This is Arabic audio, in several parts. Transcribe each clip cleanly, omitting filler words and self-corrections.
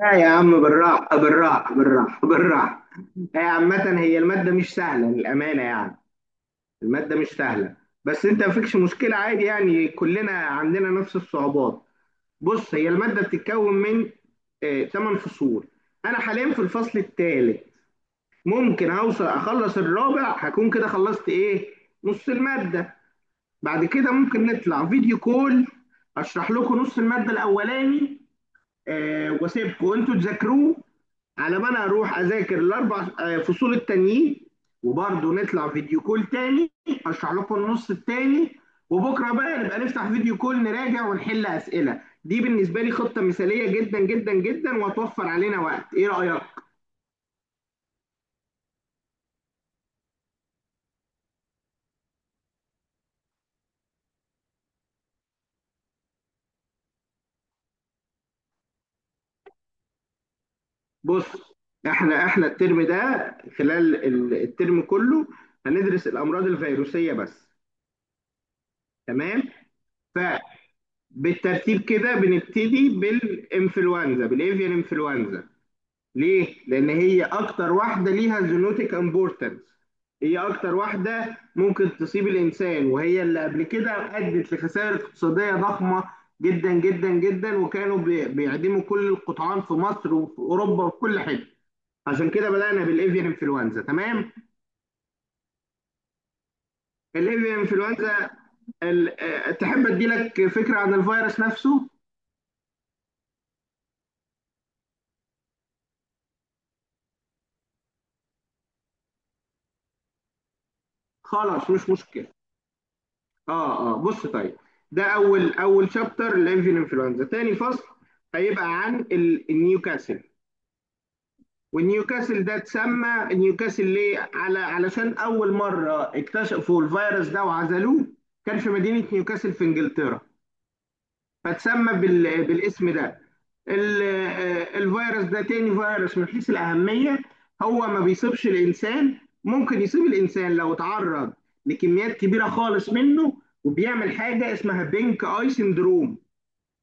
لا يا عم، بالراحة بالراحة بالراحة بالراحة. هي عامة، هي المادة مش سهلة للأمانة يعني. المادة مش سهلة. بس أنت مفيكش مشكلة، عادي يعني، كلنا عندنا نفس الصعوبات. بص، هي المادة بتتكون من 8 فصول. أنا حاليا في الفصل الثالث. ممكن أوصل أخلص الرابع، هكون كده خلصت إيه، نص المادة. بعد كده ممكن نطلع فيديو كول، أشرح لكم نص المادة الأولاني، وأسيبكم أنتوا تذاكروه، على ما انا اروح اذاكر الاربع فصول التانيين. وبرضه نطلع فيديو كول تاني، اشرح لكم النص التاني. وبكره بقى نبقى نفتح فيديو كول، نراجع ونحل اسئله. دي بالنسبه لي خطه مثاليه جدا جدا جدا، وهتوفر علينا وقت. ايه رايك؟ بص، احنا الترم ده، خلال الترم كله، هندرس الامراض الفيروسيه بس. تمام. فبالترتيب كده، بنبتدي بالانفلونزا، بالاvian انفلونزا. ليه؟ لأن هي أكتر واحدة ليها زينوتيك امبورتنس. هي أكتر واحدة ممكن تصيب الإنسان، وهي اللي قبل كده أدت لخسائر اقتصادية ضخمة جدا جدا جدا. وكانوا بيعدموا كل القطعان في مصر وفي أوروبا وفي كل حتة. عشان كده بدأنا بالإيفيان إنفلونزا، تمام؟ الإيفيان إنفلونزا. تحب أديلك فكرة عن الفيروس نفسه؟ خلاص، مش مشكلة. اه، اه، بص، طيب. ده اول شابتر، لافيان انفلونزا. تاني فصل هيبقى عن النيوكاسل. والنيوكاسل ده اتسمى نيوكاسل ليه؟ علشان اول مره اكتشفوا الفيروس ده وعزلوه، كان في مدينه نيوكاسل في انجلترا، فتسمى بالاسم ده. الفيروس ده تاني فيروس من حيث الأهمية. هو ما بيصيبش الإنسان. ممكن يصيب الإنسان لو اتعرض لكميات كبيرة خالص منه، وبيعمل حاجة اسمها بينك آي سندروم،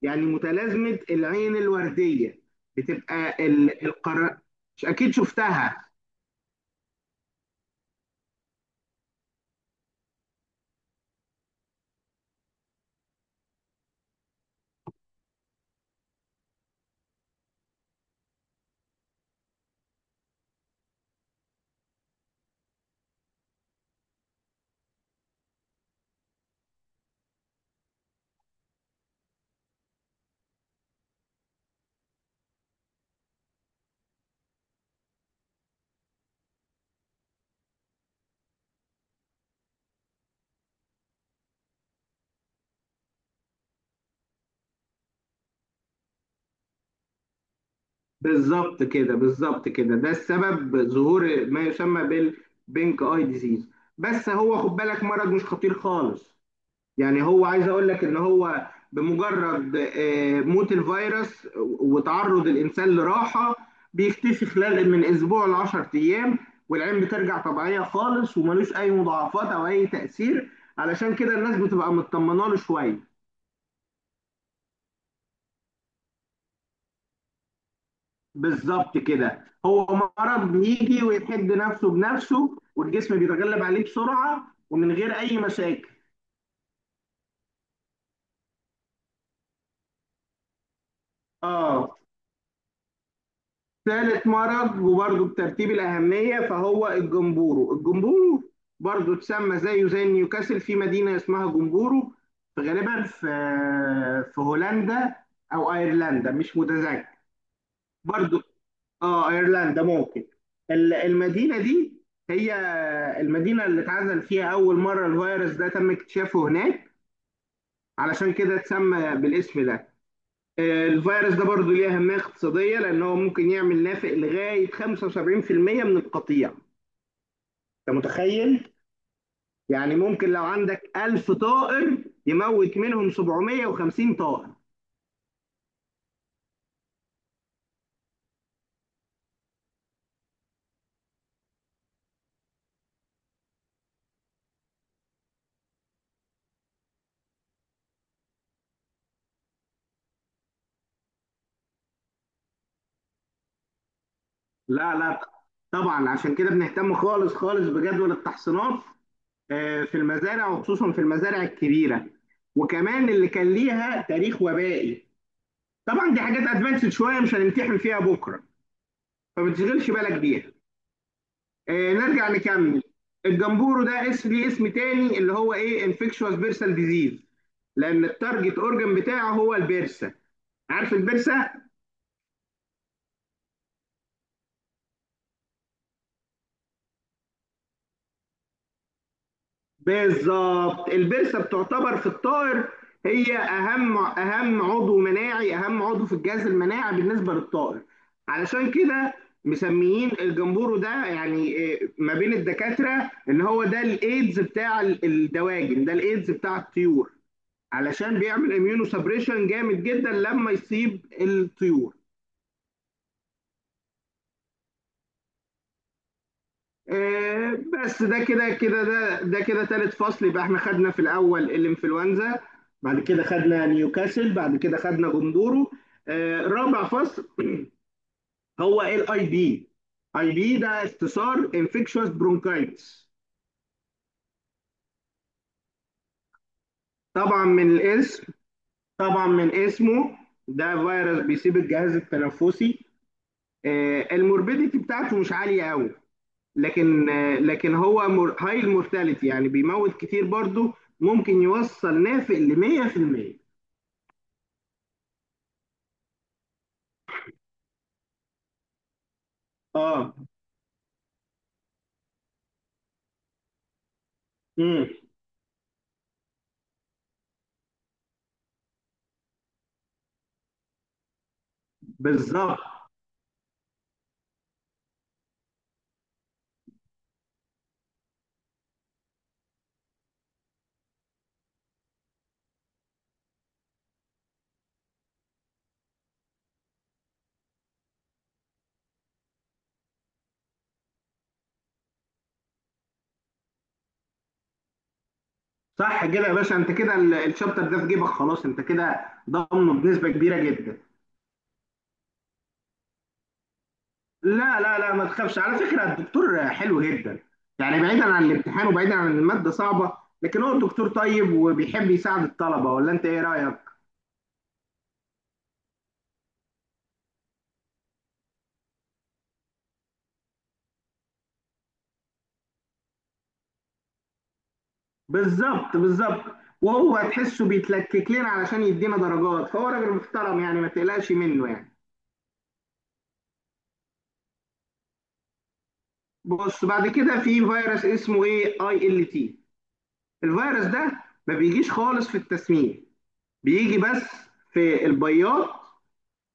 يعني متلازمة العين الوردية. بتبقى ال- القر مش أكيد شفتها. بالظبط كده، بالظبط كده، ده السبب ظهور ما يسمى بالبينك آي ديزيز. بس هو، خد بالك، مرض مش خطير خالص. يعني هو عايز اقول لك ان هو بمجرد موت الفيروس وتعرض الانسان لراحه، بيختفي خلال من اسبوع ل 10 ايام، والعين بترجع طبيعيه خالص وملوش اي مضاعفات او اي تاثير. علشان كده الناس بتبقى مطمنه له شويه. بالظبط كده. هو مرض بيجي ويحد نفسه بنفسه، والجسم بيتغلب عليه بسرعه ومن غير اي مشاكل. اه. ثالث مرض وبرضه بترتيب الأهمية فهو الجمبورو. الجمبورو برضه اتسمى زيه زي نيوكاسل، في مدينة اسمها جمبورو، غالبا في هولندا أو أيرلندا، مش متذكر. برضه، اه، أيرلندا ممكن. المدينة دي هي المدينة اللي اتعزل فيها أول مرة الفيروس ده، تم اكتشافه هناك، علشان كده اتسمى بالاسم ده. الفيروس ده برضو ليه أهمية اقتصادية، لأن هو ممكن يعمل نافق لغاية 75% من القطيع. أنت متخيل؟ يعني ممكن لو عندك 1000 طائر، يموت منهم 750 طائر. لا، لا، طبعا عشان كده بنهتم خالص خالص بجدول التحصينات في المزارع، وخصوصا في المزارع الكبيرة، وكمان اللي كان ليها تاريخ وبائي. طبعا دي حاجات ادفانسد شوية، مش هنمتحن فيها بكرة، فما تشغلش بالك بيها. نرجع نكمل. الجمبورو ده اسم ليه اسم تاني، اللي هو ايه، انفكشوس بيرسال ديزيز، لان التارجت اورجن بتاعه هو البرسه. عارف البرسه؟ بالظبط. البرسه بتعتبر في الطائر، هي اهم عضو مناعي، اهم عضو في الجهاز المناعي بالنسبه للطائر. علشان كده مسميين الجمبورو ده يعني ما بين الدكاتره ان هو ده الايدز بتاع الدواجن، ده الايدز بتاع الطيور، علشان بيعمل اميونو سبريشن جامد جدا لما يصيب الطيور. بس ده كده تالت فصل. يبقى احنا خدنا في الاول الانفلونزا، بعد كده خدنا نيوكاسل، بعد كده خدنا جندورو. رابع فصل هو الاي بي. اي بي ده اختصار انفكشوس برونكايتس. طبعا من الاسم، طبعا من اسمه، ده فيروس بيسيب الجهاز التنفسي. الموربيديتي بتاعته مش عاليه قوي، لكن لكن هو هاي المورتاليتي، يعني بيموت كتير برضو، ممكن يوصل نافق ل 100%. اه. امم. بالظبط. صح كده يا باشا، انت كده الشابتر ده في جيبك خلاص، انت كده ضامنه بنسبه كبيره جدا. لا، لا، لا، ما تخافش. على فكره الدكتور حلو جدا، يعني بعيدا عن الامتحان وبعيدا عن الماده صعبه، لكن هو الدكتور طيب وبيحب يساعد الطلبه. ولا انت ايه رايك؟ بالظبط، بالظبط. وهو تحسه بيتلكك لنا علشان يدينا درجات، فهو راجل محترم يعني، ما تقلقش منه يعني. بص، بعد كده في فيروس اسمه ايه اي ال تي. الفيروس ده ما بيجيش خالص في التسمين، بيجي بس في البياض،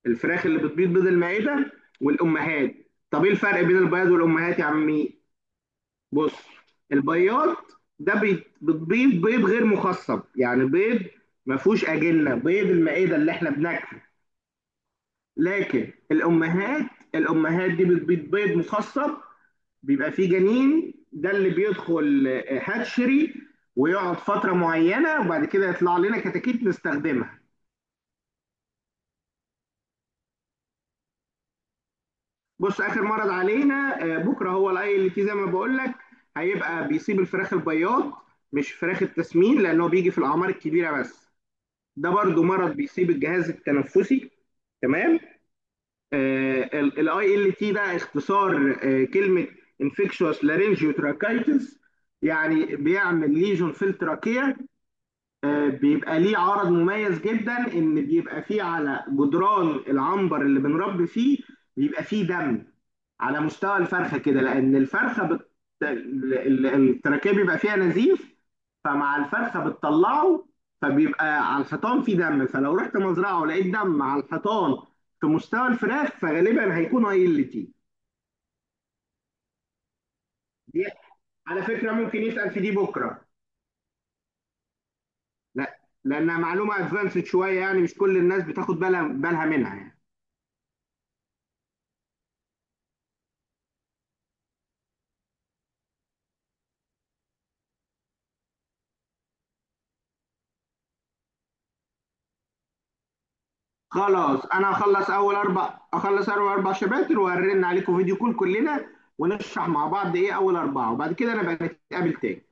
الفراخ اللي بتبيض بيض المعدة والأمهات. طب ايه الفرق بين البياض والأمهات يا عمي؟ بص، البياض ده بتبيض بيض غير مخصب، يعني بيض ما فيهوش أجنة، بيض المعدة اللي احنا بناكله. لكن الامهات، الامهات دي بتبيض بيض مخصب، بيبقى فيه جنين، ده اللي بيدخل هاتشري ويقعد فتره معينه، وبعد كده يطلع لنا كتاكيت نستخدمها. بص، اخر مرض علينا بكره هو العيل اللي فيه زي ما بقول لك، هيبقى بيصيب الفراخ البياض مش فراخ التسمين، لانه بيجي في الاعمار الكبيره بس. ده برضو مرض بيصيب الجهاز التنفسي. تمام. الاي ال تي ده اختصار كلمه انفكشوس لارينجيو تراكايتس. يعني بيعمل ليجون في التراكيه. بيبقى ليه عرض مميز جدا، ان بيبقى فيه على جدران العنبر اللي بنربي فيه، بيبقى فيه دم على مستوى الفرخه كده، لان الفرخه بت... ال- ال- التراكيب بيبقى فيها نزيف، فمع الفرخه بتطلعه، فبيبقى على الحيطان فيه دم. فلو رحت مزرعه ولقيت دم على الحيطان في مستوى الفراخ، فغالبا هيكون ايلتي. دي على فكره ممكن يسال في دي بكره. لا، لانها معلومه ادفانسد شويه، يعني مش كل الناس بتاخد بالها منها يعني. خلاص، انا هخلص اول اربع اخلص اول 4 شباتر، وهرن عليكم فيديو كول كلنا ونشرح مع بعض. ايه اول 4، وبعد كده انا بقى نتقابل تاني.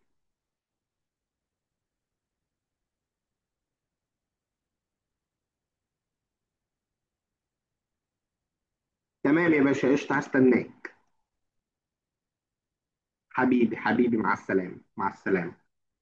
تمام يا باشا، قشطه، هستناك. حبيبي حبيبي، مع السلامه، مع السلامه.